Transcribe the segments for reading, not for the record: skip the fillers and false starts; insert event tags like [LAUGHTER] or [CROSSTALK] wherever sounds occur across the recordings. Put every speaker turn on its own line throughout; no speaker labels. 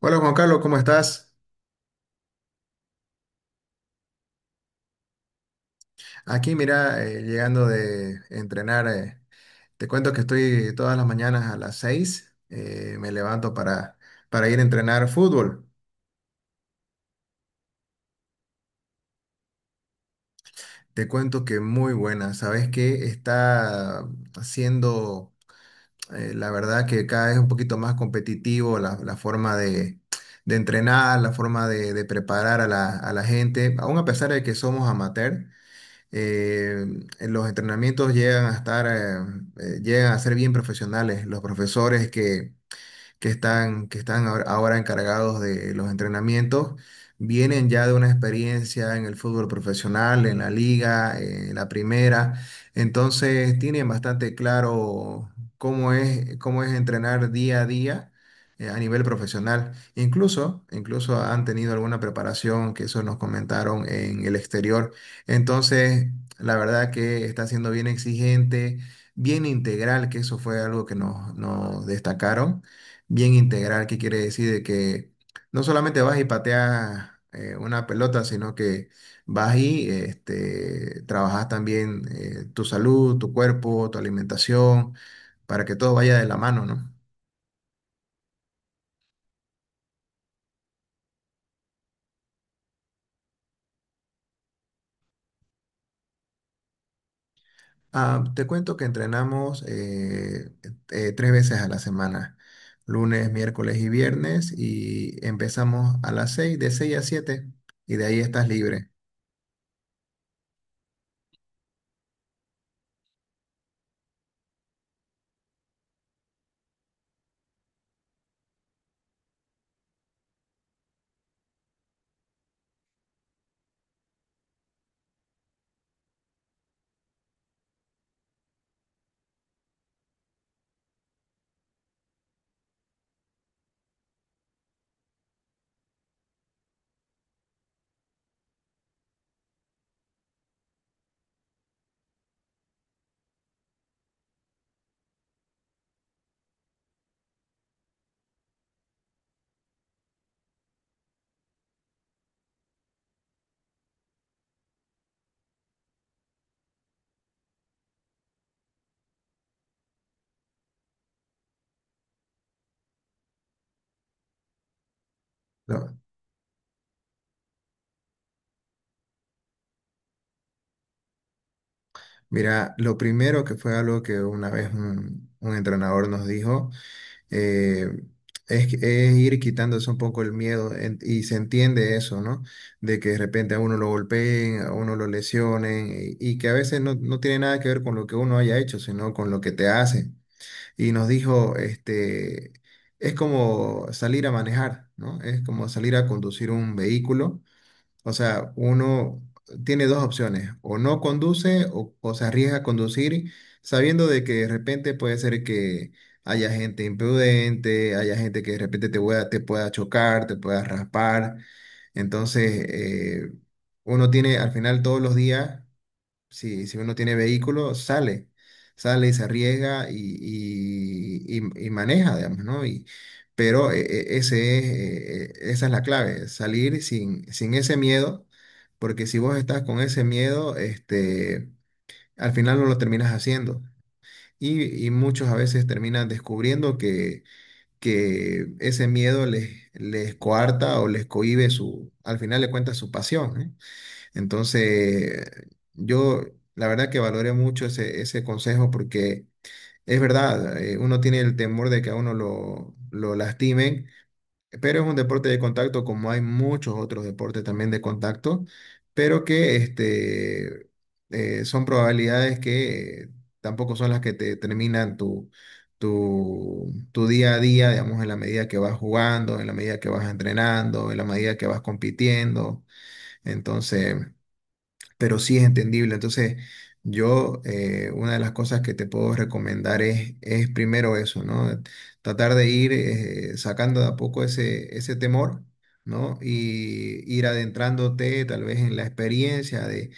Hola Juan Carlos, ¿cómo estás? Aquí mira, llegando de entrenar. Te cuento que estoy todas las mañanas a las 6, me levanto para, ir a entrenar fútbol. Te cuento que muy buena, sabes que está haciendo, la verdad que cada vez un poquito más competitivo la forma de entrenar, la forma de preparar a la gente, aún a pesar de que somos amateur. eh, en los entrenamientos llegan a ser bien profesionales. Los profesores que están ahora ahora encargados de los entrenamientos, vienen ya de una experiencia en el fútbol profesional, en la liga, en la primera. Entonces tienen bastante claro cómo es entrenar día a día, a nivel profesional. Incluso han tenido alguna preparación que eso nos comentaron en el exterior. Entonces, la verdad que está siendo bien exigente, bien integral, que eso fue algo que nos destacaron. Bien integral, que quiere decir de que no solamente vas y pateas, una pelota, sino que vas y este, trabajas también, tu salud, tu cuerpo, tu alimentación, para que todo vaya de la mano, ¿no? Ah, te cuento que entrenamos 3 veces a la semana, lunes, miércoles y viernes, y empezamos a las 6, de 6 a 7, y de ahí estás libre. ¿No? Mira, lo primero que fue algo que una vez un entrenador nos dijo, eh, es, que- es ir quitándose un poco el miedo, y se entiende eso, ¿no? De que de repente a uno lo golpeen, a uno lo lesionen, y que a veces no tiene nada que ver con lo que uno haya hecho, sino con lo que te hacen. Y nos dijo, este, es como salir a manejar, ¿no? Es como salir a conducir un vehículo. O sea, uno tiene dos opciones: o no conduce, o se arriesga a conducir sabiendo de que de repente puede ser que haya gente imprudente, haya gente que de repente te pueda, chocar, te pueda raspar. Entonces, uno tiene al final todos los días. Si uno tiene vehículo, sale, sale y se arriesga y maneja, digamos, ¿no? Pero esa es la clave, salir sin ese miedo, porque si vos estás con ese miedo, este, al final no lo terminas haciendo. Y muchos a veces terminan descubriendo que ese miedo les coarta o les cohíbe su, al final le cuenta su pasión, ¿eh? Entonces, yo la verdad que valoré mucho ese consejo, porque es verdad. Uno tiene el temor de que a uno lo lastimen, pero es un deporte de contacto como hay muchos otros deportes también de contacto, pero que este, son probabilidades que, tampoco son las que te terminan tu, tu día a día, digamos, en la medida que vas jugando, en la medida que vas entrenando, en la medida que vas compitiendo. Entonces, pero sí es entendible. Entonces, yo, una de las cosas que te puedo recomendar es primero eso, ¿no? Tratar de ir, sacando de a poco ese temor, ¿no? Y ir adentrándote tal vez en la experiencia de,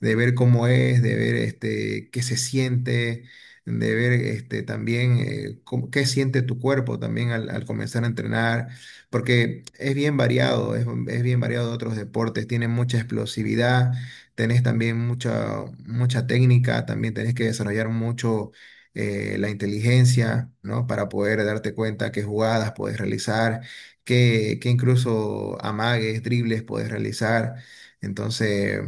de ver cómo es, de ver este, qué se siente. De ver este, también, qué siente tu cuerpo también al comenzar a entrenar, porque es bien variado, es bien variado de otros deportes, tiene mucha explosividad, tenés también mucha, mucha técnica, también tenés que desarrollar mucho, la inteligencia, ¿no? Para poder darte cuenta qué jugadas puedes realizar, qué incluso amagues, dribles puedes realizar. Entonces,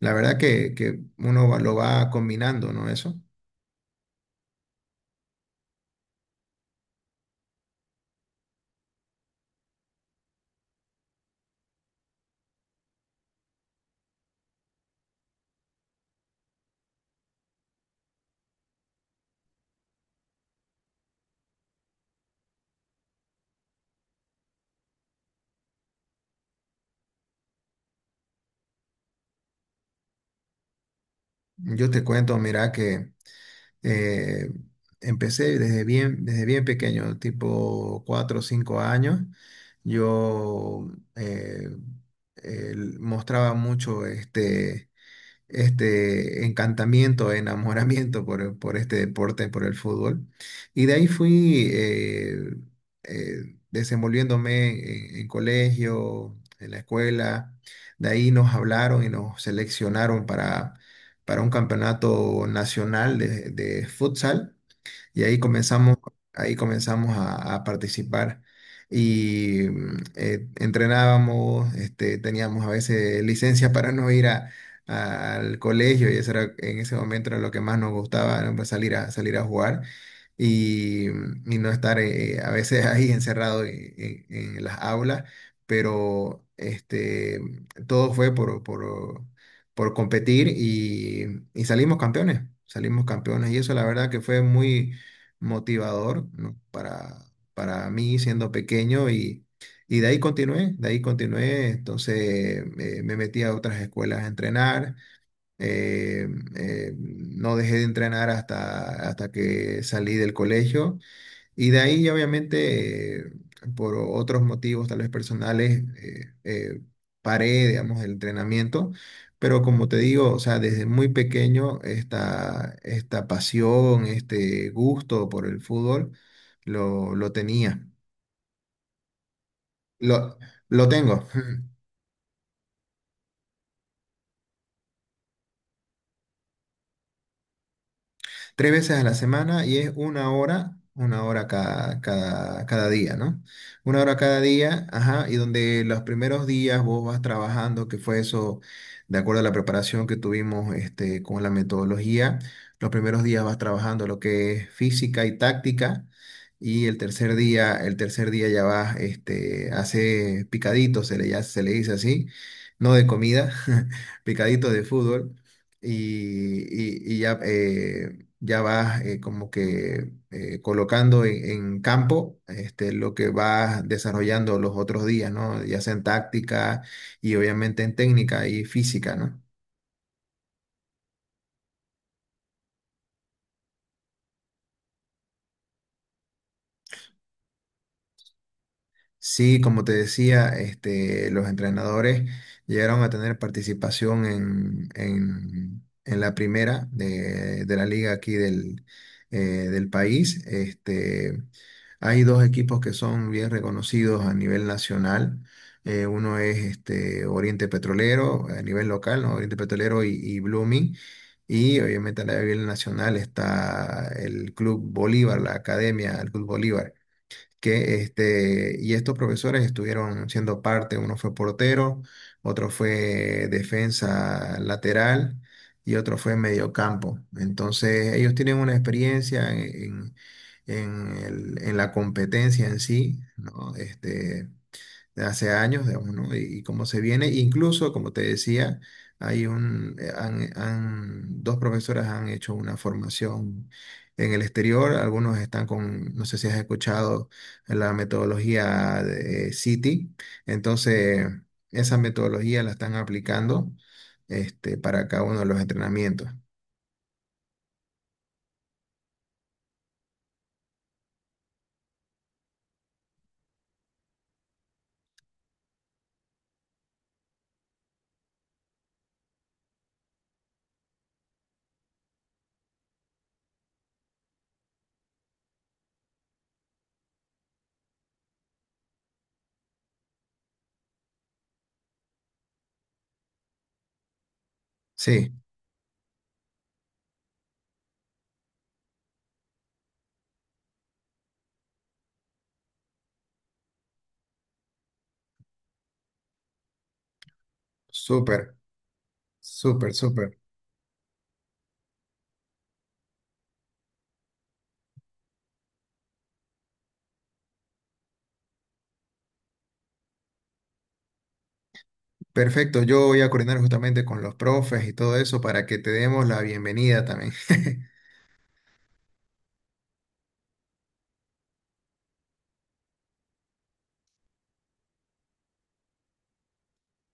la verdad que lo va combinando, ¿no? Eso. Yo te cuento, mira que. Eh, empecé desde bien pequeño, tipo 4 o 5 años. Yo, eh, mostraba mucho este, encantamiento, enamoramiento por este deporte, por el fútbol. Y de ahí fui, desenvolviéndome en colegio, en la escuela. De ahí nos hablaron y nos seleccionaron para un campeonato nacional de futsal, y ahí comenzamos a participar. Y entrenábamos, este, teníamos a veces licencia para no ir al colegio, y eso era, en ese momento era lo que más nos gustaba, ¿no? Pues salir a, salir a jugar y, y no estar, a veces [LAUGHS] ahí encerrado en las aulas, pero este, todo fue por competir, y salimos campeones, salimos campeones, y eso la verdad que fue muy motivador, ¿no? Para mí siendo pequeño. Y de ahí continué, de ahí continué. Entonces, me metí a otras escuelas a entrenar, eh, no dejé de entrenar hasta que salí del colegio, y de ahí, obviamente, por otros motivos, tal vez personales, paré, digamos, el entrenamiento. Pero como te digo, o sea, desde muy pequeño esta pasión, este gusto por el fútbol, lo tenía. Lo, lo tengo. 3 veces a la semana, y es una hora, cada, cada día, ¿no? Una hora cada día, ajá, y donde los primeros días vos vas trabajando, que fue eso, de acuerdo a la preparación que tuvimos, este, con la metodología, los primeros días vas trabajando lo que es física y táctica. Y el tercer día ya vas, este, hace picaditos, ya se le dice así, no de comida, [LAUGHS] picaditos de fútbol, y, ya, ya vas, como que, colocando en campo, este, lo que vas desarrollando los otros días, ¿no? Ya sea en táctica y obviamente en técnica y física, ¿no? Sí, como te decía, este, los entrenadores llegaron a tener participación en la primera de la liga aquí del, del país. Este, hay dos equipos que son bien reconocidos a nivel nacional. Uno es este, Oriente Petrolero a nivel local, ¿no? Oriente Petrolero y Blooming. Y obviamente a nivel nacional está el Club Bolívar, la Academia del Club Bolívar, que este, y estos profesores estuvieron siendo parte. Uno fue portero, otro fue defensa lateral y otro fue mediocampo. Entonces, ellos tienen una experiencia en la competencia en sí, ¿no? Este, de hace años, digamos, ¿no? Y cómo se viene. Incluso, como te decía, hay un, han, han- dos profesoras han hecho una formación en el exterior. Algunos están con, no sé si has escuchado la metodología de City. Entonces, esa metodología la están aplicando, este, para cada uno de los entrenamientos. Sí, súper, súper, súper. Perfecto, yo voy a coordinar justamente con los profes y todo eso para que te demos la bienvenida también. [LAUGHS]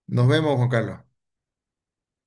Nos vemos, Juan Carlos.